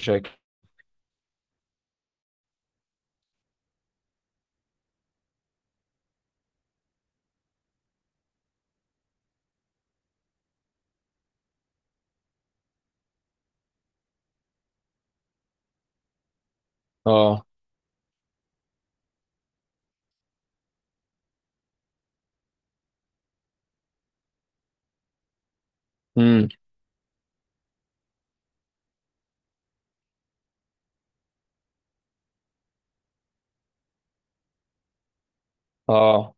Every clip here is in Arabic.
شاكر. اه. امم. اه.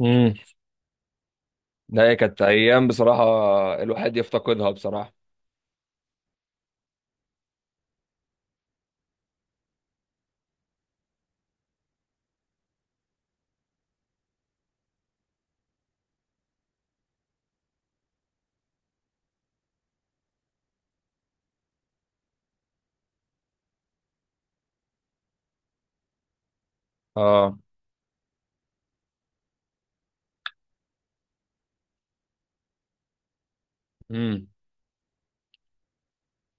امم. لا، هي كانت ايام بصراحه. الواحد يفتقدها بصراحه. اه. امم.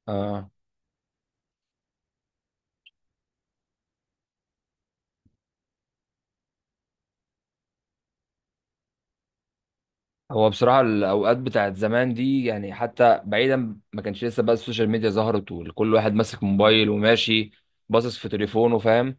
اه. هو بصراحه الاوقات بتاعت زمان دي، يعني حتى بعيدا ما كانش لسه بقى السوشيال ميديا ظهرت، وكل واحد ماسك موبايل وماشي باصص في تليفونه، فاهم؟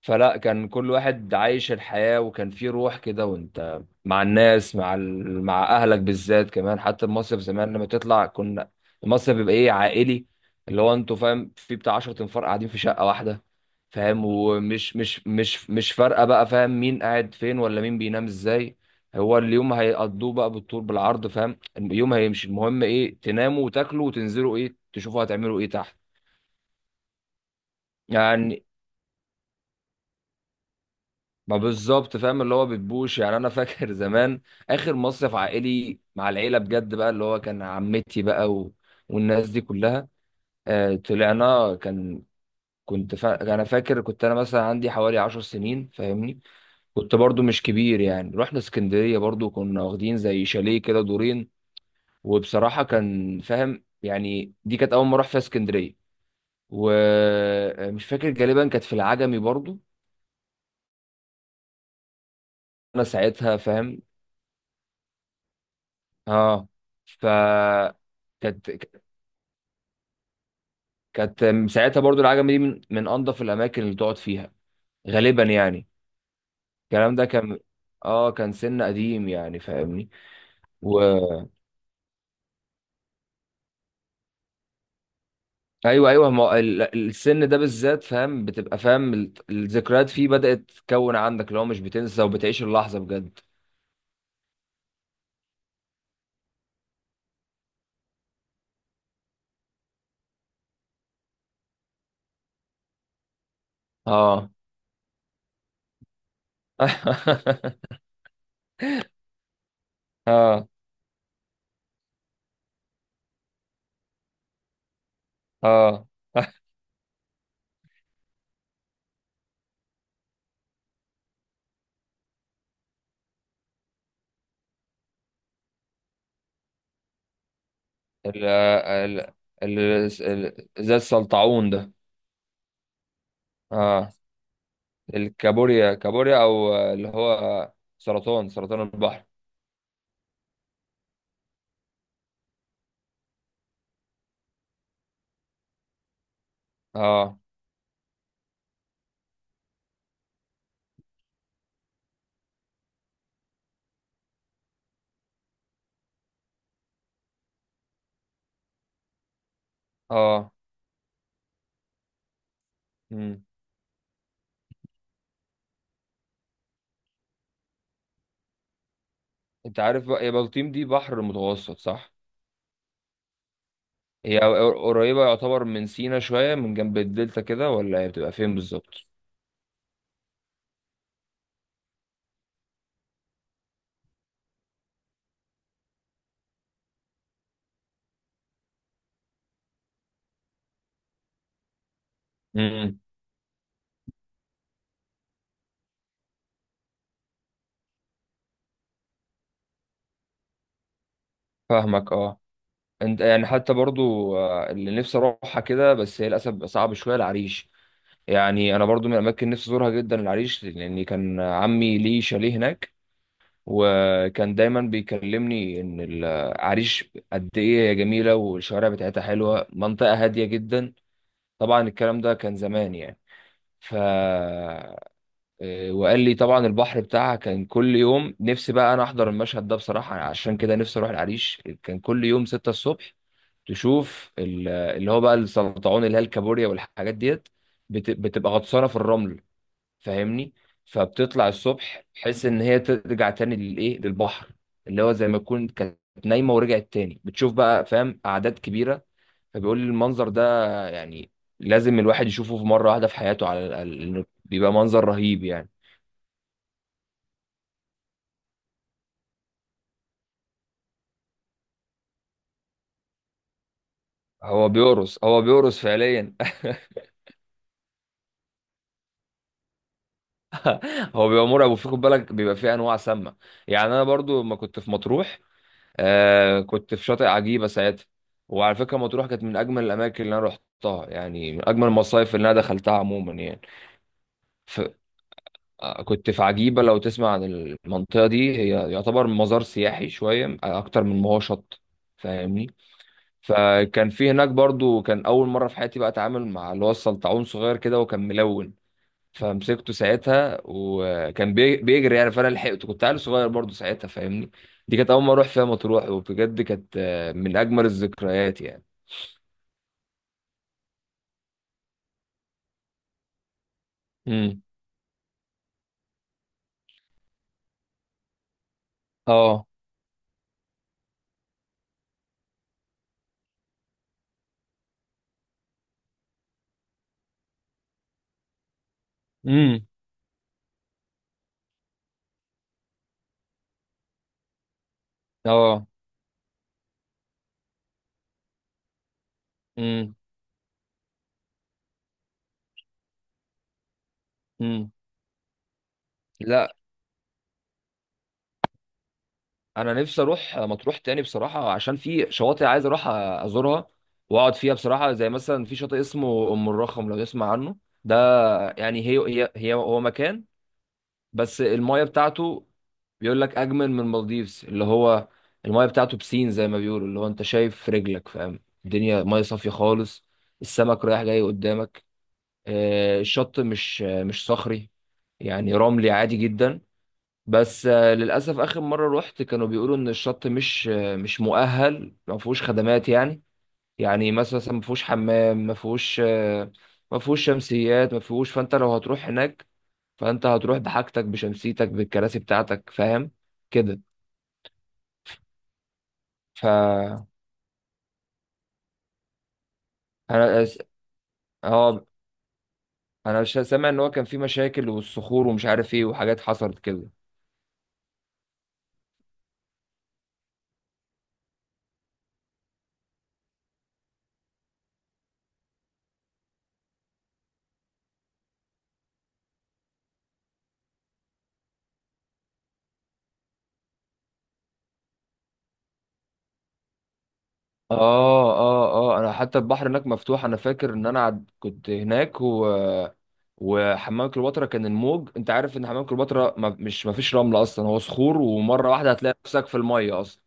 فلا، كان كل واحد عايش الحياة، وكان في روح كده، وانت مع الناس، مع مع اهلك بالذات كمان. حتى المصيف زمان لما تطلع، كنا المصيف بيبقى ايه، عائلي، اللي هو انتوا فاهم في بتاع 10 انفار قاعدين في شقة واحدة. فاهم؟ ومش مش مش مش فارقة بقى فاهم مين قاعد فين ولا مين بينام ازاي. هو اليوم هيقضوه بقى بالطول بالعرض، فاهم؟ اليوم هيمشي، المهم ايه، تناموا وتاكلوا وتنزلوا، ايه تشوفوا، هتعملوا ايه تحت. يعني ما بالظبط، فاهم؟ اللي هو بتبوش. يعني انا فاكر زمان اخر مصيف عائلي مع العيله بجد بقى، اللي هو كان عمتي بقى والناس دي كلها. طلعنا. انا فاكر، كنت انا مثلا عندي حوالي 10 سنين، فاهمني؟ كنت برضو مش كبير يعني، رحنا اسكندريه برضو، كنا واخدين زي شاليه كده دورين. وبصراحه كان فاهم يعني، دي كانت اول ما اروح فيها اسكندريه. ومش فاكر، غالبا كانت في العجمي برضو. انا ساعتها فاهم. اه. ف كانت كانت ساعتها برضو العجمي دي من انظف الاماكن اللي تقعد فيها غالبا يعني. الكلام ده كان، اه كان سن قديم يعني، فاهمني؟ و... ايوه، ايوه، ما هو السن ده بالذات فاهم، بتبقى فاهم الذكريات فيه بدأت تكون عندك، اللي هو مش بتنسى وبتعيش اللحظة بجد. اه. اه. اه. ال ال ال زي السلطعون ده. اه. كابوريا او اللي هو سرطان البحر. اه. اه. مم. انت عارف بقى يا، بلطيم دي بحر متوسط صح؟ قريبة يعتبر من سينا شوية، من جنب الدلتا كده، ولا هي بتبقى فين بالظبط؟ امم. فاهمك. اه. انت يعني حتى برضو، اللي نفسي اروحها كده، بس هي للاسف بقى صعب شوية، العريش. يعني انا برضو من الاماكن نفسي ازورها جدا العريش، لان كان عمي ليه شاليه هناك، وكان دايما بيكلمني ان العريش قد ايه هي جميله، والشوارع بتاعتها حلوه، منطقه هاديه جدا. طبعا الكلام ده كان زمان يعني. ف وقال لي طبعا البحر بتاعها كان كل يوم، نفسي بقى انا احضر المشهد ده بصراحه، عشان كده نفسي اروح العريش. كان كل يوم 6 الصبح تشوف اللي هو بقى السلطعون، اللي هي الكابوريا، والحاجات ديت بتبقى غطسانه في الرمل، فاهمني؟ فبتطلع الصبح بحيث ان هي ترجع تاني للايه، للبحر. اللي هو زي ما تكون كانت نايمه ورجعت تاني، بتشوف بقى، فاهم، اعداد كبيره. فبيقول لي المنظر ده يعني لازم الواحد يشوفه في مره واحده في حياته على الاقل، لأنه بيبقى منظر رهيب يعني. هو بيقرص، هو بيقرص فعليا. هو بيبقى مرعب، وفي، خد بالك، بيبقى فيه انواع سامه. يعني انا برضو لما كنت في مطروح، كنت في شاطئ عجيبة ساعتها. وعلى فكرة مطروح كانت من أجمل الأماكن اللي أنا رحتها يعني، من أجمل المصايف اللي أنا دخلتها عموما يعني. ف... آه، كنت في عجيبة. لو تسمع عن المنطقة دي، هي يعتبر مزار سياحي شوية أكتر من ما هو شط، فاهمني؟ فكان في هناك برضو، كان أول مرة في حياتي بقى أتعامل مع اللي هو السلطعون، صغير كده وكان ملون. فمسكته ساعتها، وكان بيجري يعني، فانا لحقته، كنت عيل صغير برضه ساعتها، فاهمني؟ دي كانت اول ما اروح فيها مطروح، وبجد كانت من اجمل الذكريات يعني. امم. اه. امم. اه. امم. امم. لا، انا نفسي اروح مطروح تاني بصراحه، عشان في شواطئ عايز اروح ازورها واقعد فيها بصراحه. زي مثلا في شاطئ اسمه ام الرخم، لو تسمع عنه. ده يعني هي هي هي هو مكان، بس المايه بتاعته بيقول لك اجمل من المالديفز، اللي هو المايه بتاعته بسين زي ما بيقولوا، اللي هو انت شايف في رجلك، فاهم؟ الدنيا مايه صافيه خالص، السمك رايح جاي قدامك. الشط مش صخري يعني، رملي عادي جدا. بس للاسف اخر مره رحت، كانوا بيقولوا ان الشط مش مؤهل، ما فيهوش خدمات يعني. يعني مثلا ما فيهوش حمام، ما فيهوش ما فيهوش شمسيات، ما فيهوش. فانت لو هتروح هناك، فانت هتروح بحاجتك، بشمسيتك، بالكراسي بتاعتك، فاهم؟ كده. ف انا أس- اه انا مش سامع ان هو كان في مشاكل، والصخور، ومش عارف ايه، وحاجات حصلت كده. اه. اه. اه. انا حتى البحر هناك مفتوح، انا فاكر ان انا كنت هناك وحمام كليوباترا، كان الموج، انت عارف ان حمام كليوباترا ما فيش رمل اصلا، هو صخور، ومره واحده هتلاقي نفسك في الميه اصلا.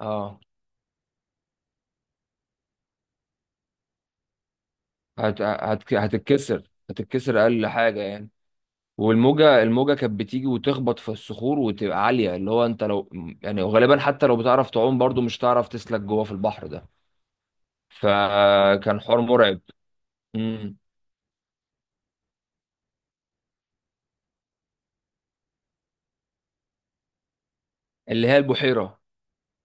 اه. هت... هت... هتتكسر هتتكسر اقل حاجه يعني. والموجه الموجه كانت بتيجي وتخبط في الصخور، وتبقى عاليه، اللي هو انت لو، يعني غالبا حتى لو بتعرف تعوم برضو مش هتعرف تسلك جوه في البحر ده. فكان حوار مرعب. امم. اللي هي البحيره،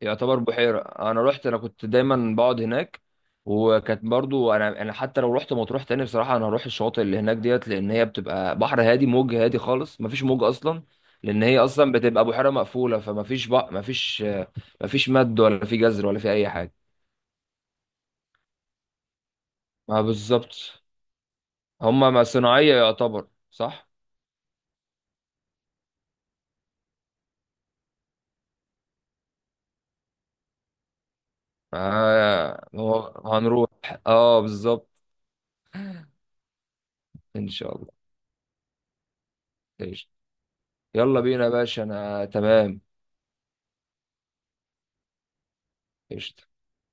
يعتبر بحيره، انا رحت، انا كنت دايما بقعد هناك. وكانت برضو انا حتى لو رحت مطروح تاني بصراحه، انا هروح الشواطئ اللي هناك ديت، لان هي بتبقى بحر هادي، موج هادي خالص، مفيش موج اصلا. لان هي اصلا بتبقى بحيره مقفوله، فما فيش بقى، ما فيش، مفيش مد ولا في جزر ولا في اي حاجه. ما بالظبط، هما ما صناعيه يعتبر صح. آه. هو هنروح، اه بالظبط، ان شاء الله. ايش؟ يلا بينا يا باشا، انا تمام. ايش؟